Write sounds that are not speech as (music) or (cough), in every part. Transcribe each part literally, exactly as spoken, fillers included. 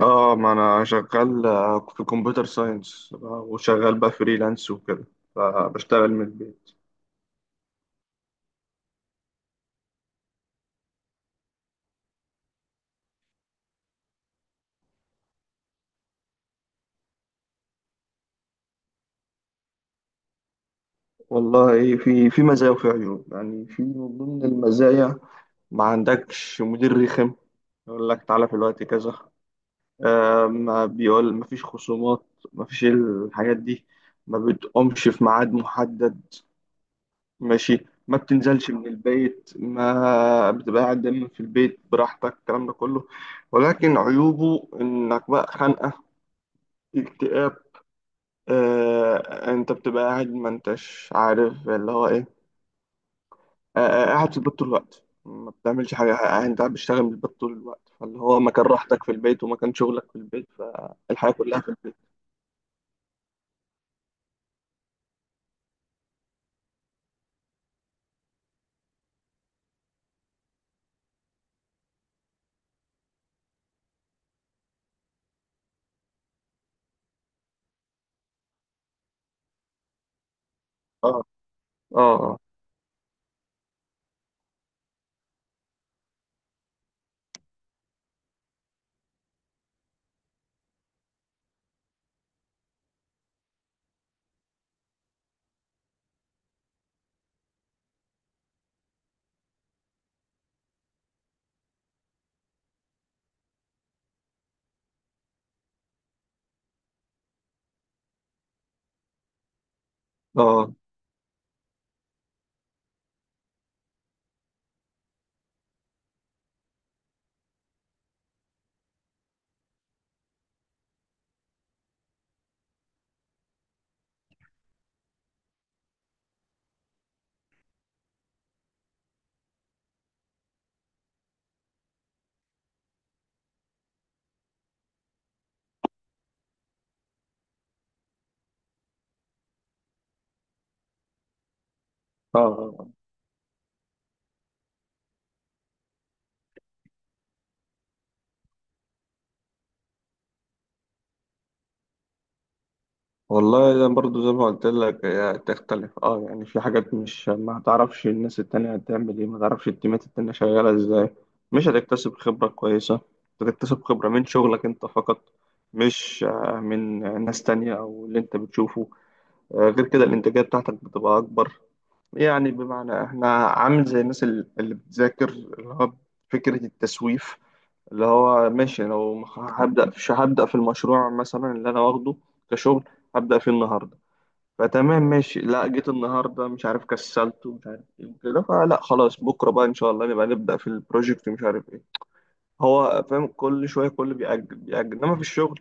اه، ما انا شغال آه، في كمبيوتر ساينس وشغال بقى فريلانس وكده، فبشتغل من البيت. والله في في مزايا وفي عيوب. يعني في من ضمن المزايا ما عندكش مدير رخم يقول لك تعالى في الوقت كذا. آه، ما بيقول، ما فيش خصومات، ما فيش الحاجات دي، ما بتقومش في ميعاد محدد، ماشي، ما بتنزلش من البيت، ما بتبقى قاعد دايما في البيت براحتك، الكلام ده كله. ولكن عيوبه انك بقى خانقة، اكتئاب. آه، انت بتبقى قاعد ما انتش عارف اللي هو ايه. آه آه، آه، قاعد في البيت طول الوقت ما بتعملش حاجة. آه، انت قاعد بتشتغل من البيت طول الوقت، فاللي هو مكان راحتك في البيت ومكان شغلك في البيت. فالحياة كلها في البيت. اه، اه، اه، اه، اه، آه. والله انا برضو زي ما قلت لك هي تختلف. اه، يعني في حاجات، مش ما تعرفش الناس التانية هتعمل ايه، ما تعرفش التيمات التانية شغالة ازاي، مش هتكتسب خبرة كويسة. هتكتسب خبرة من شغلك انت فقط، مش آه، من آه، ناس تانية او اللي انت بتشوفه. آه، غير كده الانتاجية بتاعتك بتبقى اكبر. يعني بمعنى احنا عامل زي الناس ال- اللي بتذاكر، اللي هو فكرة التسويف. اللي هو ماشي، لو هبدأ هبدأ في المشروع مثلا اللي انا واخده كشغل، هبدأ فيه النهاردة. فتمام ماشي. لا، جيت النهارده مش عارف، كسلت ومش عارف ايه وكده، فلا خلاص، بكره بقى ان شاء الله نبقى نبدا في البروجكت ومش عارف ايه. هو فاهم، كل شويه كل بيأجل بيأجل، انما في الشغل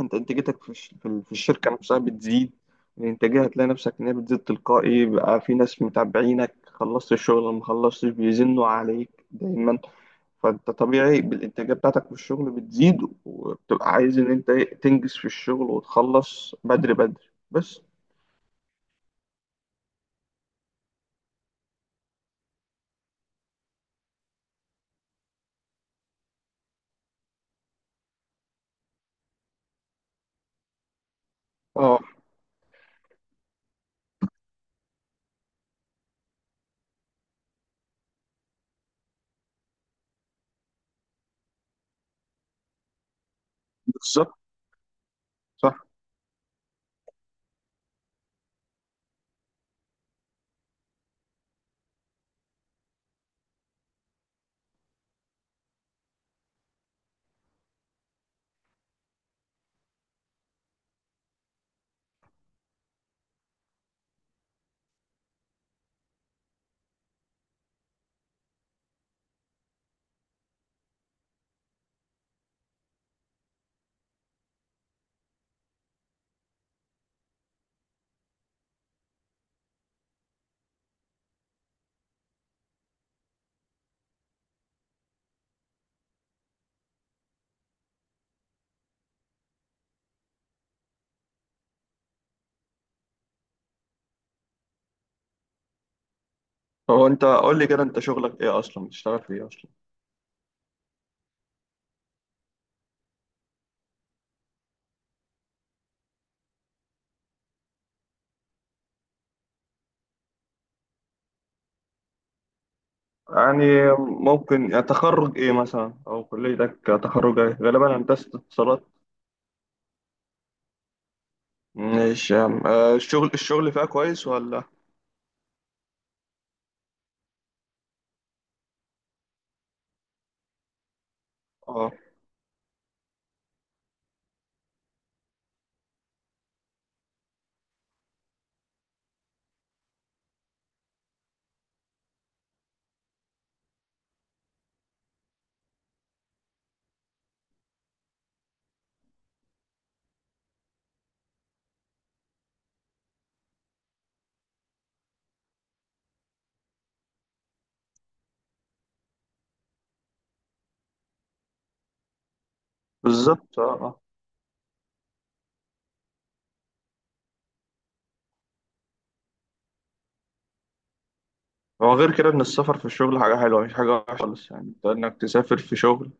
انت انتاجيتك في الش- في ال- في الشركه نفسها بتزيد. الانتاجيه هتلاقي نفسك ان هي بتزيد تلقائي، بقى في ناس متابعينك خلصت الشغل ولا ما خلصتش، بيزنوا عليك دايما، فانت طبيعي بالانتاجيه بتاعتك في الشغل بتزيد. وبتبقى عايز ان انت إيه، تنجز في الشغل وتخلص بدري بدري بس. اه، بالظبط. هو انت قول لي كده، انت شغلك ايه اصلا؟ بتشتغل في ايه اصلا؟ يعني ممكن، يعني تخرج ايه مثلا؟ او كليتك تخرج ايه؟ غالبا هندسة اتصالات. مش آه، الشغل الشغل فيها كويس ولا؟ اه، بالظبط. اه، آه. هو غير كده ان السفر في الشغل حاجة حلوة، مش حاجة وحشة خالص. يعني انت، انك تسافر في شغل،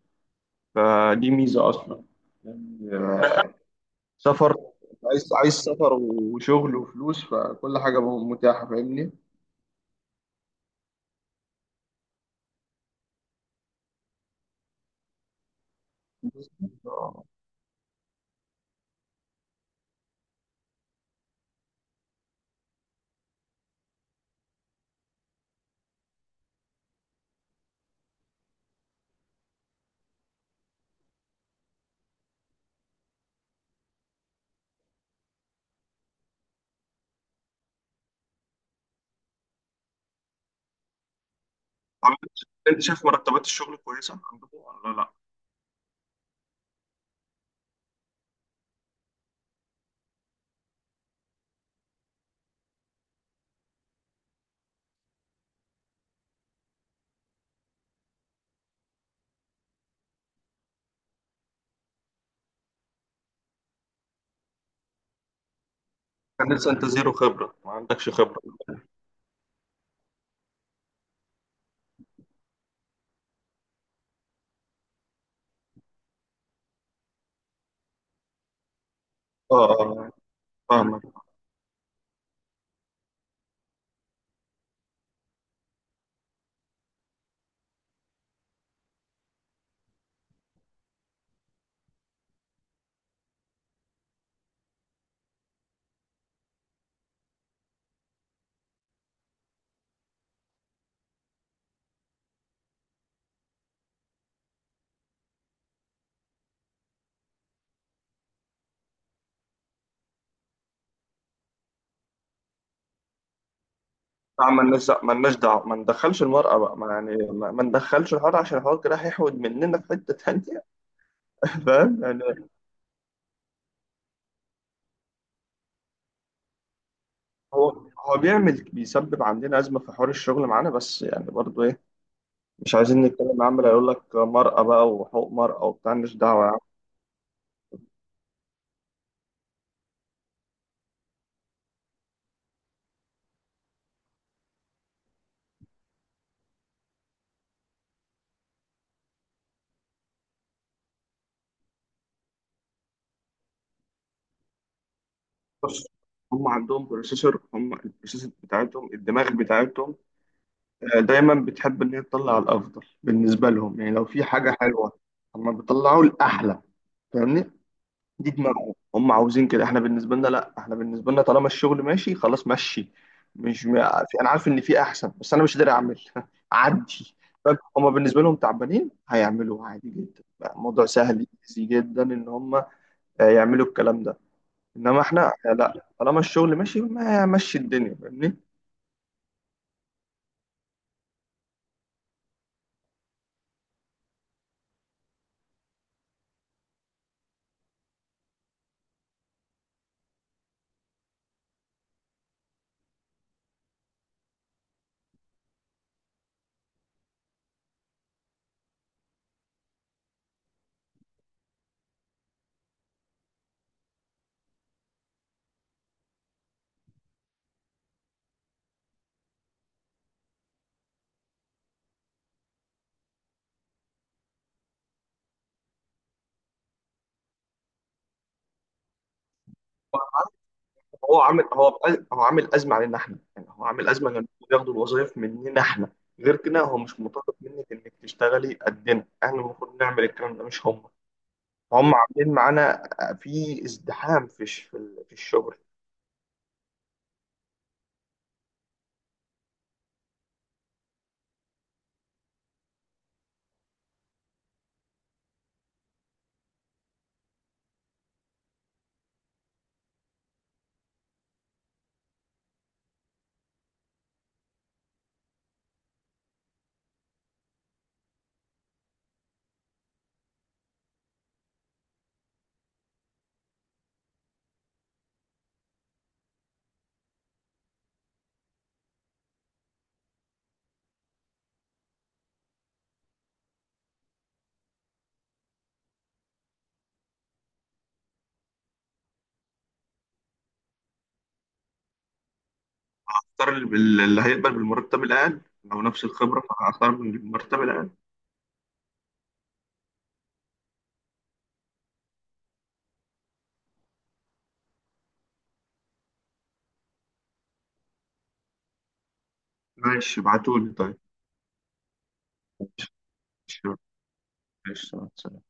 فدي ميزة اصلا. يعني آه، سفر، عايز عايز سفر وشغل وفلوس، فكل حاجة متاحة، فاهمني. بالظبط. آه. عملت، انت شايف مرتبات الشغل كويسه عندكم ولا لا؟ كان لسه انت زيرو خبره، ما عندكش خبره. اه، اه، فاهمك. لا، مالناش دعوه، مالناش دعوه، ما ندخلش المرأة بقى. ما يعني، ما ما ندخلش الحوار، عشان الحوار كده هيحود مننا في حتة تانية. (laughs) فاهم يعني. هو هو بيعمل، بيسبب عندنا أزمة في حوار الشغل معانا، بس يعني برضو إيه، مش عايزين نتكلم. عمال يقول لك مرأة بقى وحقوق مرأة وبتاع، مالناش دعوة يعني. بص، هم عندهم بروسيسور، هم البروسيسور بتاعتهم، الدماغ بتاعتهم دايما بتحب ان هي تطلع الافضل بالنسبه لهم. يعني لو في حاجه حلوه هم بيطلعوا الاحلى، فاهمني. دي دماغهم، هم عاوزين كده. احنا بالنسبه لنا لا، احنا بالنسبه لنا طالما الشغل ماشي خلاص مشي. مش م... في... انا عارف ان في احسن، بس انا مش قادر اعمل. (laughs) عدي. فاهم؟ هم بالنسبه لهم تعبانين، هيعملوا عادي جدا بقى، الموضوع سهل ايزي جدا ان هم آه، يعملوا الكلام ده. انما احنا آه، لا، طالما الشغل ماشي ما مشي الدنيا، فاهمني. هو عامل هو هو عامل ازمه علينا احنا. يعني هو عامل ازمه ان بياخدوا الوظائف مننا احنا. غير كده هو مش مطالب منك انك تشتغلي قدنا، احنا المفروض نعمل الكلام ده مش هم. هم عاملين معانا في ازدحام في الش- في ال- في الشغل. اختار اللي اللي هيقبل بالمرتب الاقل. لو نفس الخبره، فهختار بالمرتب الاقل. ماشي، ابعتولي طيب. ماشي، ماشي. سلام.